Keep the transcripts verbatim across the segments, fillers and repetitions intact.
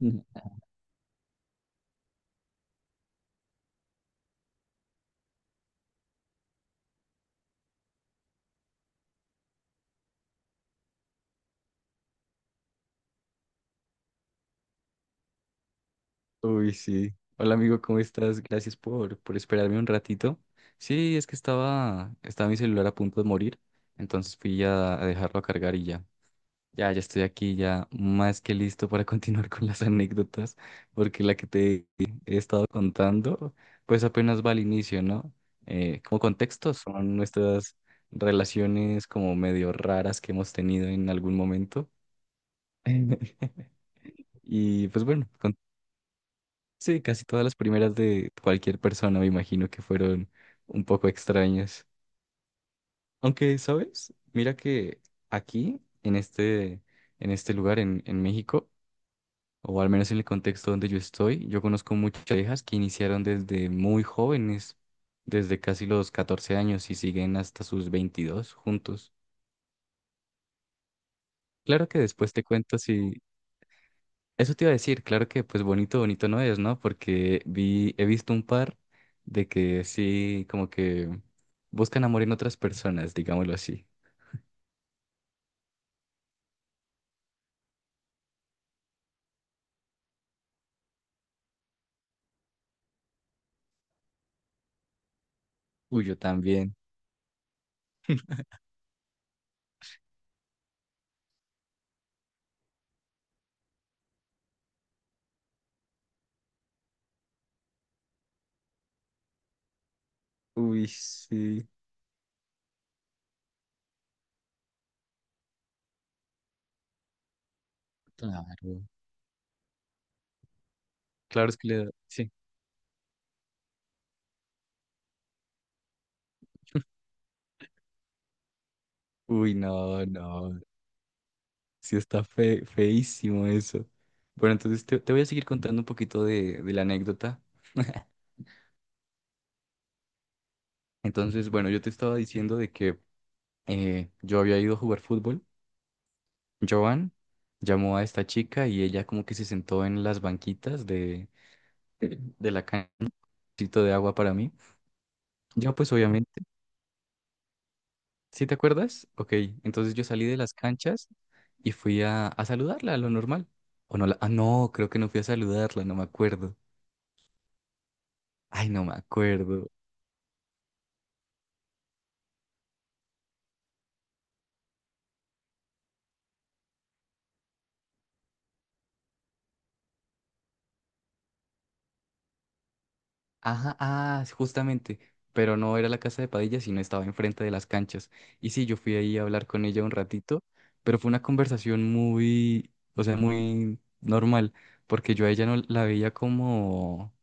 Ujú. Uy, sí. Hola amigo, ¿cómo estás? Gracias por, por esperarme un ratito. Sí, es que estaba, estaba mi celular a punto de morir, entonces fui a, a dejarlo a cargar y ya. Ya, ya estoy aquí, ya más que listo para continuar con las anécdotas, porque la que te he estado contando, pues apenas va al inicio, ¿no? Eh, como contexto, son nuestras relaciones como medio raras que hemos tenido en algún momento. Y pues bueno, sí, casi todas las primeras de cualquier persona me imagino que fueron un poco extrañas. Aunque, ¿sabes? Mira que aquí, en este, en este lugar, en, en México, o al menos en el contexto donde yo estoy, yo conozco muchas parejas que iniciaron desde muy jóvenes, desde casi los catorce años y siguen hasta sus veintidós juntos. Claro que después te cuento si, eso te iba a decir, claro que pues bonito, bonito no es, ¿no? Porque vi, he visto un par de que sí, como que buscan amor en otras personas, digámoslo así. Uy, yo también. Uy, sí, claro. Claro es que le da- sí. Uy, no, no. Sí está fe, feísimo eso. Bueno, entonces te, te voy a seguir contando un poquito de, de la anécdota. Entonces, bueno, yo te estaba diciendo de que eh, yo había ido a jugar fútbol. Joan llamó a esta chica y ella como que se sentó en las banquitas de, de la cancha un poquito de agua para mí. Yo pues obviamente, ¿sí te acuerdas? Ok, entonces yo salí de las canchas y fui a, a saludarla, lo normal. O no, la- ah, no, creo que no fui a saludarla, no me acuerdo. Ay, no me acuerdo. Ajá, ah, sí, justamente, pero no era la casa de Padilla, sino estaba enfrente de las canchas. Y sí, yo fui ahí a hablar con ella un ratito, pero fue una conversación muy, o sea, muy normal, porque yo a ella no la veía como,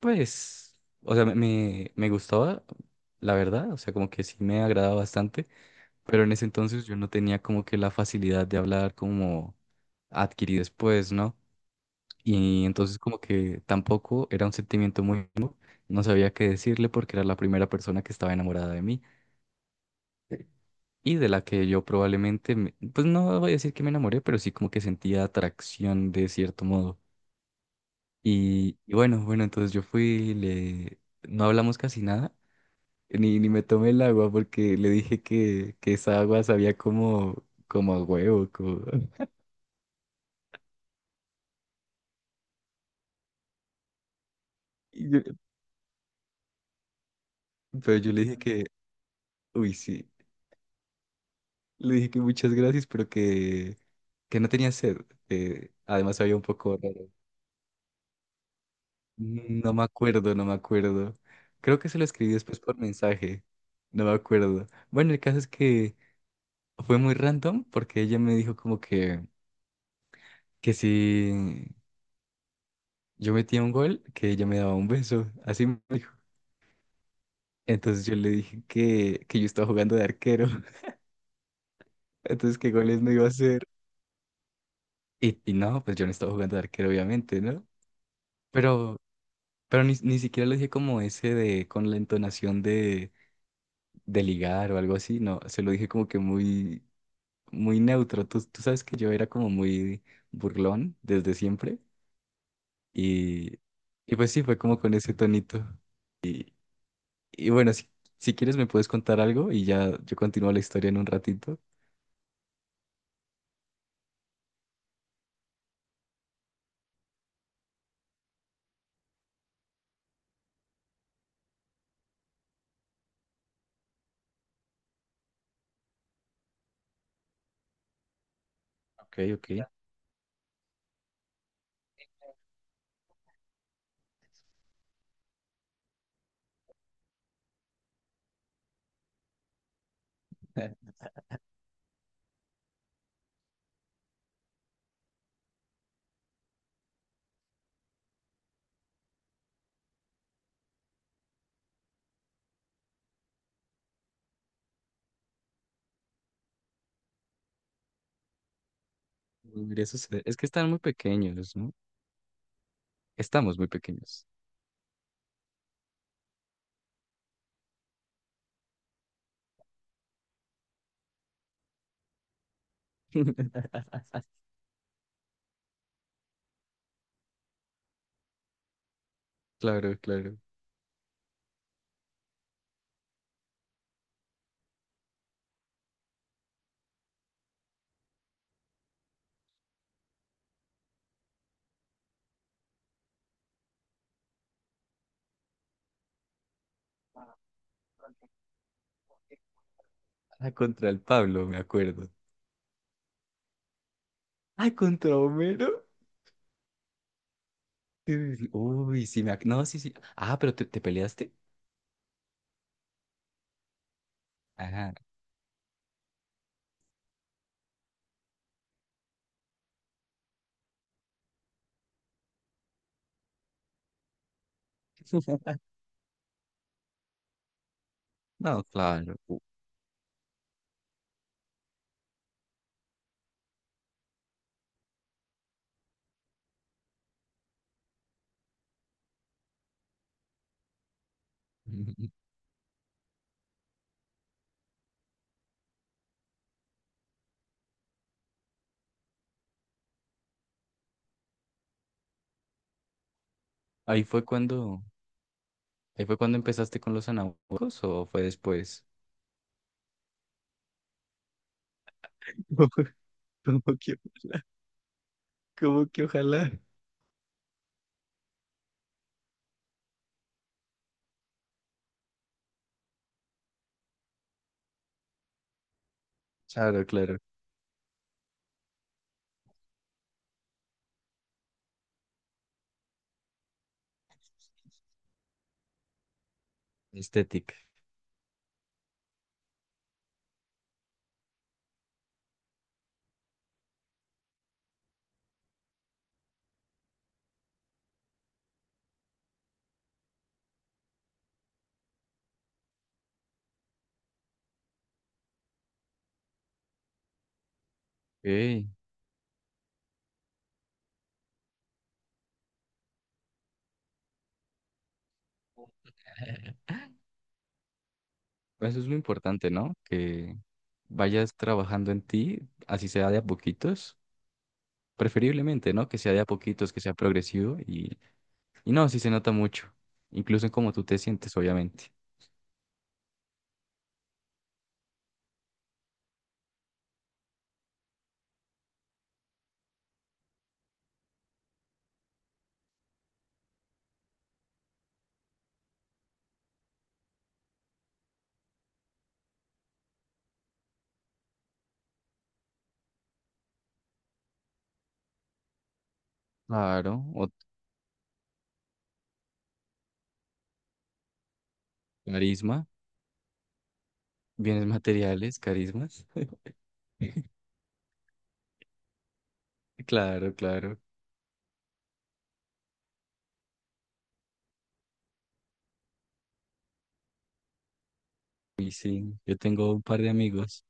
pues, o sea, me, me me gustaba, la verdad, o sea, como que sí me agradaba bastante, pero en ese entonces yo no tenía como que la facilidad de hablar como adquirí después, ¿no? Y entonces como que tampoco era un sentimiento muy nuevo, no sabía qué decirle porque era la primera persona que estaba enamorada de mí y de la que yo probablemente, me- pues no voy a decir que me enamoré, pero sí como que sentía atracción de cierto modo. Y, y bueno, bueno, entonces yo fui, le... no hablamos casi nada, ni, ni me tomé el agua porque le dije que, que esa agua sabía como, como a huevo, como... y yo- pero yo le dije que, uy, sí. Le dije que muchas gracias, pero que, que no tenía sed. Eh, además había un poco raro. No me acuerdo, no me acuerdo. Creo que se lo escribí después por mensaje. No me acuerdo. Bueno, el caso es que fue muy random porque ella me dijo como que, que si yo metía un gol, que ella me daba un beso. Así me dijo. Entonces yo le dije que, que yo estaba jugando de arquero. Entonces, ¿qué goles me iba a hacer? Y, y no, pues yo no estaba jugando de arquero, obviamente, ¿no? Pero Pero ni, ni siquiera lo dije como ese de con la entonación de, de ligar o algo así, no, se lo dije como que muy, muy neutro. Tú, tú sabes que yo era como muy burlón desde siempre y, y pues sí, fue como con ese tonito. Y, y bueno, si, si quieres me puedes contar algo y ya yo continúo la historia en un ratito. Ok, ok. Debería suceder. Es que están muy pequeños, ¿no? Estamos muy pequeños. Claro, claro. Ah, contra el Pablo, me acuerdo. Ay, contra Homero. Uy, uy, sí me... ac- No, sí, sí. Ah, pero te, te peleaste. Ajá. No, claro. Ahí fue cuando, ahí fue cuando empezaste con los anabólicos o fue después. ¿Cómo cómo que, ¿cómo que ojalá? Claro, claro. Estética. Ey, eso es lo importante, ¿no? Que vayas trabajando en ti, así sea de a poquitos, preferiblemente, ¿no? Que sea de a poquitos, que sea progresivo. Y no, sí se nota mucho, incluso en cómo tú te sientes, obviamente. Claro, o tu carisma, bienes materiales, carismas. Claro, claro. Y sí, yo tengo un par de amigos.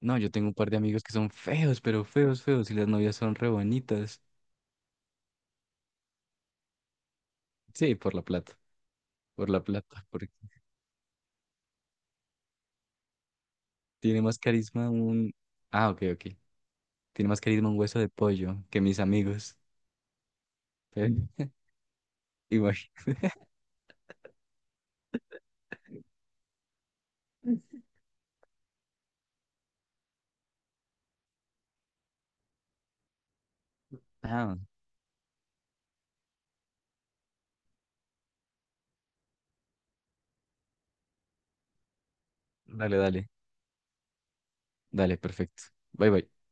No, yo tengo un par de amigos que son feos, pero feos, feos, y las novias son re bonitas. Sí, por la plata, por la plata, porque tiene más carisma un... Ah, ok, ok. Tiene más carisma un hueso de pollo que mis amigos. Pero- igual. Ah, dale, dale, dale, perfecto. Bye, bye.